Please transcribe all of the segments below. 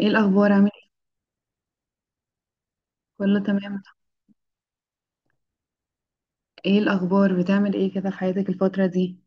ايه الاخبار عامل ايه؟ كله تمام. ايه الاخبار، بتعمل ايه كده في حياتك الفتره دي؟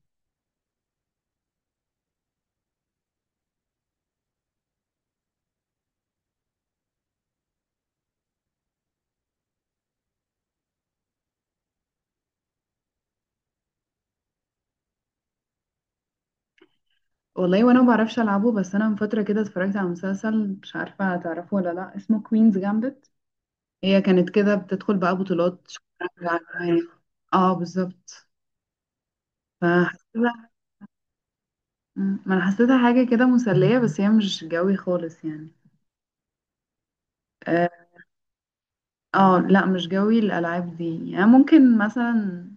والله وانا ما بعرفش العبه، بس انا من فتره كده اتفرجت على مسلسل، مش عارفه هتعرفه ولا لا، اسمه كوينز جامبت. هي كانت كده بتدخل بقى بطولات شطرنج عالمية. اه بالظبط. فحسيتها. ما انا حسيتها حاجه كده مسليه، بس هي مش جوي خالص يعني. اه. لا مش جوي الالعاب دي يعني. ممكن مثلا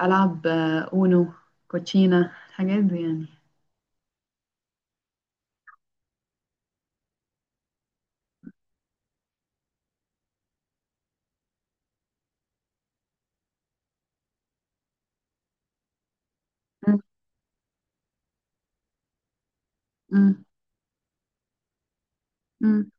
العب اونو، كوتشينا، الحاجات دي يعني. مم، مم، مم.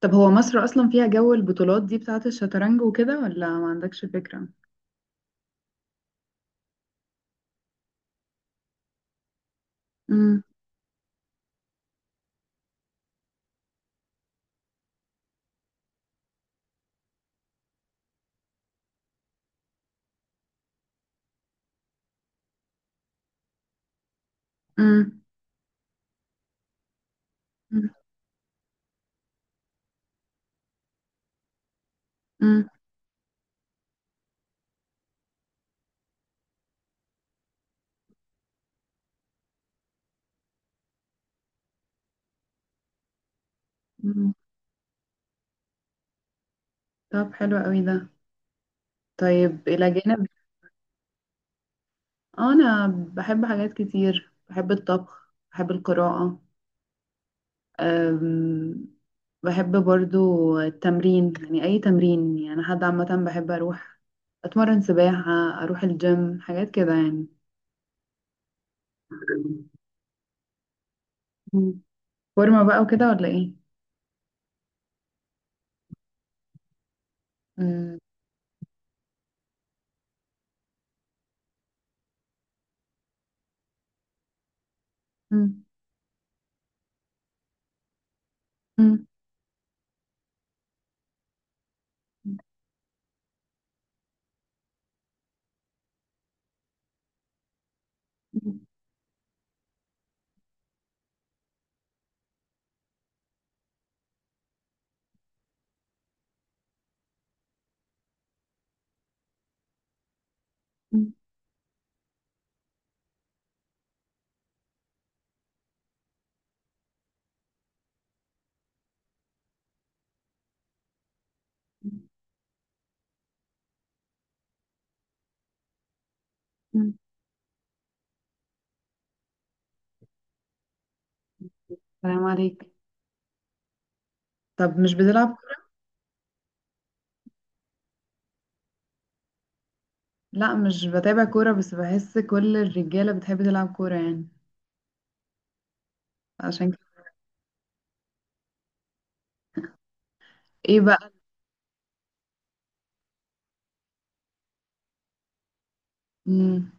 طب هو مصر أصلا فيها جو البطولات دي بتاعة الشطرنج وكده، ولا ما عندكش فكرة؟ امم امم امم امم. طب حلو قوي ده. طيب إلى جانب، أنا بحب حاجات كتير، بحب الطبخ، بحب القراءة. أم... بحب برضو التمرين، يعني أي تمرين يعني، حد عامة بحب أروح أتمرن سباحة، أروح الجيم، حاجات كده يعني. مم. فورمة بقى وكده ولا إيه؟ مم. مم. مم. مم. سلام عليك. طب مش بتلعب كورة؟ لا مش بتابع كورة، بس بحس كل الرجالة بتحب تلعب كورة يعني، عشان كده. ايه بقى. مم.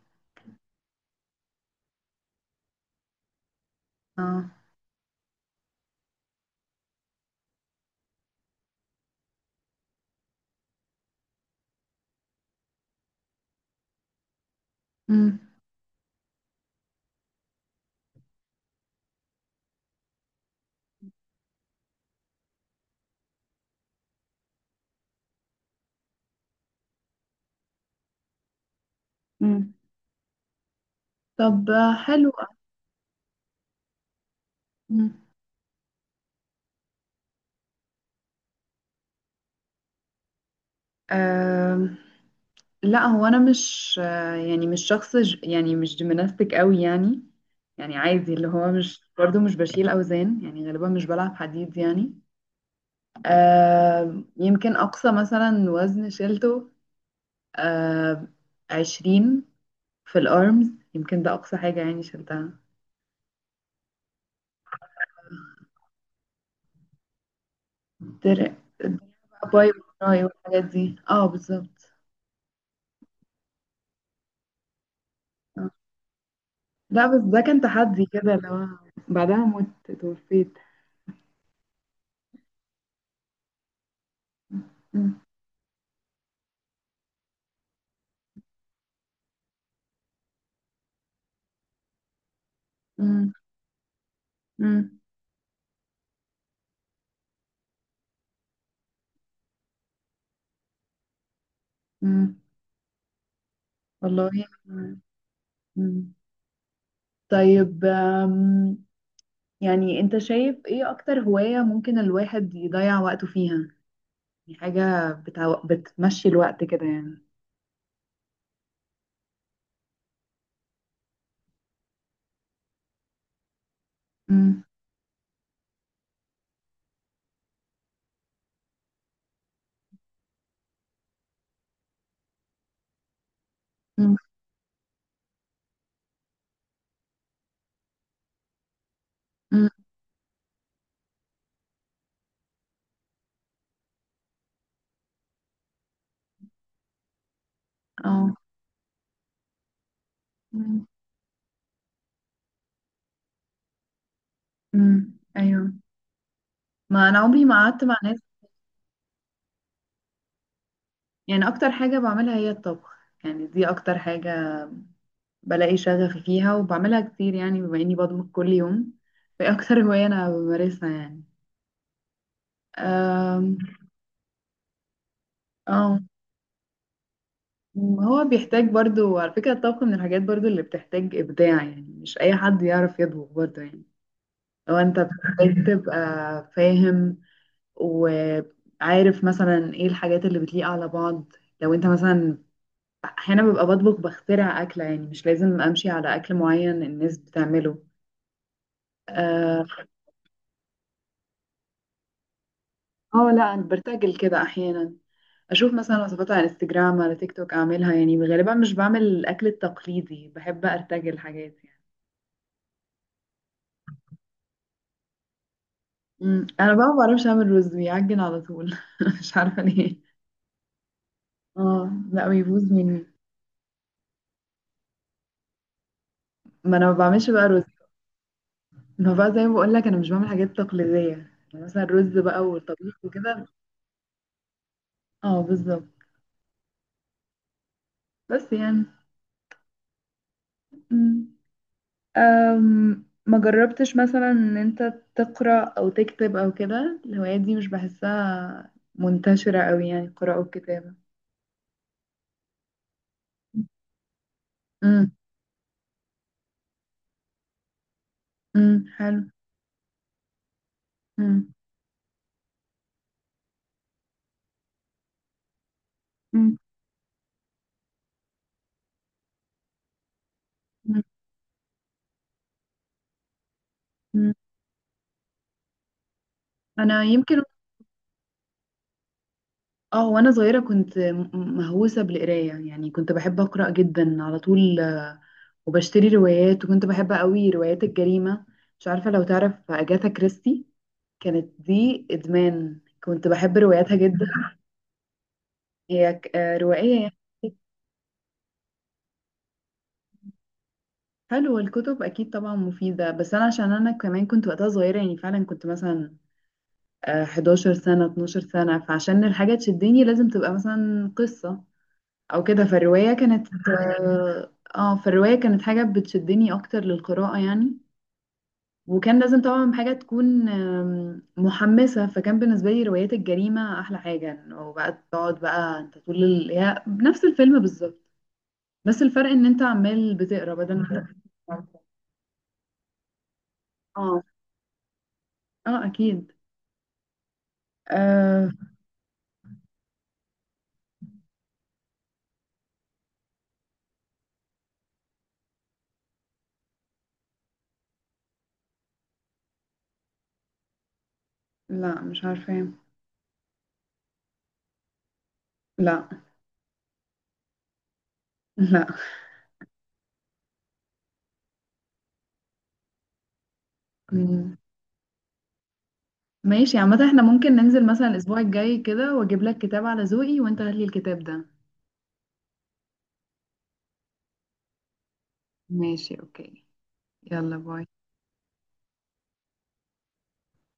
اه. مم. مم. طب حلو. مم. آه. لا هو انا مش آه، يعني مش شخص يعني مش جيمناستيك قوي يعني. يعني عادي اللي هو مش برضو مش بشيل اوزان يعني، غالبا مش بلعب حديد يعني. آه. يمكن اقصى مثلا وزن شيلته آه. 20 في الارمز، يمكن ده اقصى حاجة يعني شلتها. درع. درع بقى، باي وراي والحاجات دي. اه بالظبط. آه. لا بس ده كان تحدي كده. لو بعدها مت توفيت. مم. مم. مم. مم. والله. مم. مم. طيب يعني انت شايف ايه اكتر هواية ممكن الواحد يضيع وقته فيها؟ يعني حاجة بتمشي الوقت كده يعني. مم. مم. مم. اه. مم. مم. ايوه. ما انا عمري ما قعدت مع ناس. يعني اكتر حاجة بعملها هي الطبخ. يعني دي اكتر حاجة بلاقي شغف فيها وبعملها كتير، يعني بما اني بطبخ كل يوم في اكتر هواية انا بمارسها يعني. أم، اه. هو بيحتاج برضو على فكرة، الطبخ من الحاجات برضو اللي بتحتاج إبداع، يعني مش أي حد يعرف يطبخ برضو يعني. لو أنت بتحتاج تبقى فاهم وعارف مثلا إيه الحاجات اللي بتليق على بعض. لو أنت مثلا احيانا ببقى بطبخ بخترع اكله، يعني مش لازم امشي على اكل معين الناس بتعمله. اه. لا أنا برتجل كده احيانا، اشوف مثلا وصفات على انستجرام على تيك توك اعملها، يعني غالبا مش بعمل الاكل التقليدي، بحب ارتجل حاجات يعني. امم. انا بقى ما بعرفش اعمل رز، بيعجن على طول مش عارفه ليه. اه لا بيبوظ مني. ما انا ما بعملش بقى رز. ما بقى زي ما بقول لك انا مش بعمل حاجات تقليديه، يعني مثلا الرز بقى والطبيخ وكده. اه بالظبط. بس يعني. مم. أم، ما جربتش مثلا ان انت تقرأ او تكتب او كده؟ الهوايات دي مش بحسها منتشرة قوي يعني، القراءة والكتابة. امم. حلو. امم امم امم امم. انا يمكن. اه وانا صغيرة كنت مهووسة بالقراية، يعني كنت بحب أقرأ جدا على طول، وبشتري روايات، وكنت بحب قوي روايات الجريمة. مش عارفة لو تعرف أجاثا كريستي، كانت دي إدمان، كنت بحب رواياتها جدا. هي روائية يعني. حلو. الكتب اكيد طبعا مفيده، بس انا عشان انا كمان كنت وقتها صغيره، يعني فعلا كنت مثلا 11 سنه، 12 سنه، فعشان الحاجه تشدني لازم تبقى مثلا قصه او كده. فالروايه كانت فالروايه كانت حاجه بتشدني اكتر للقراءه يعني. وكان لازم طبعا حاجه تكون محمسه، فكان بالنسبه لي روايات الجريمه احلى حاجه. انه بقى تقعد بقى انت طول هي نفس الفيلم بالظبط، بس الفرق ان انت عمال بتقرا بدل ما انت. اه. اه اكيد. أه. لا مش عارفة. لا. لا مم. ماشي، عامة احنا ممكن ننزل مثلا الأسبوع الجاي كده، وأجيب لك كتاب على ذوقي وأنت هات لي الكتاب ده. ماشي أوكي. يلا باي.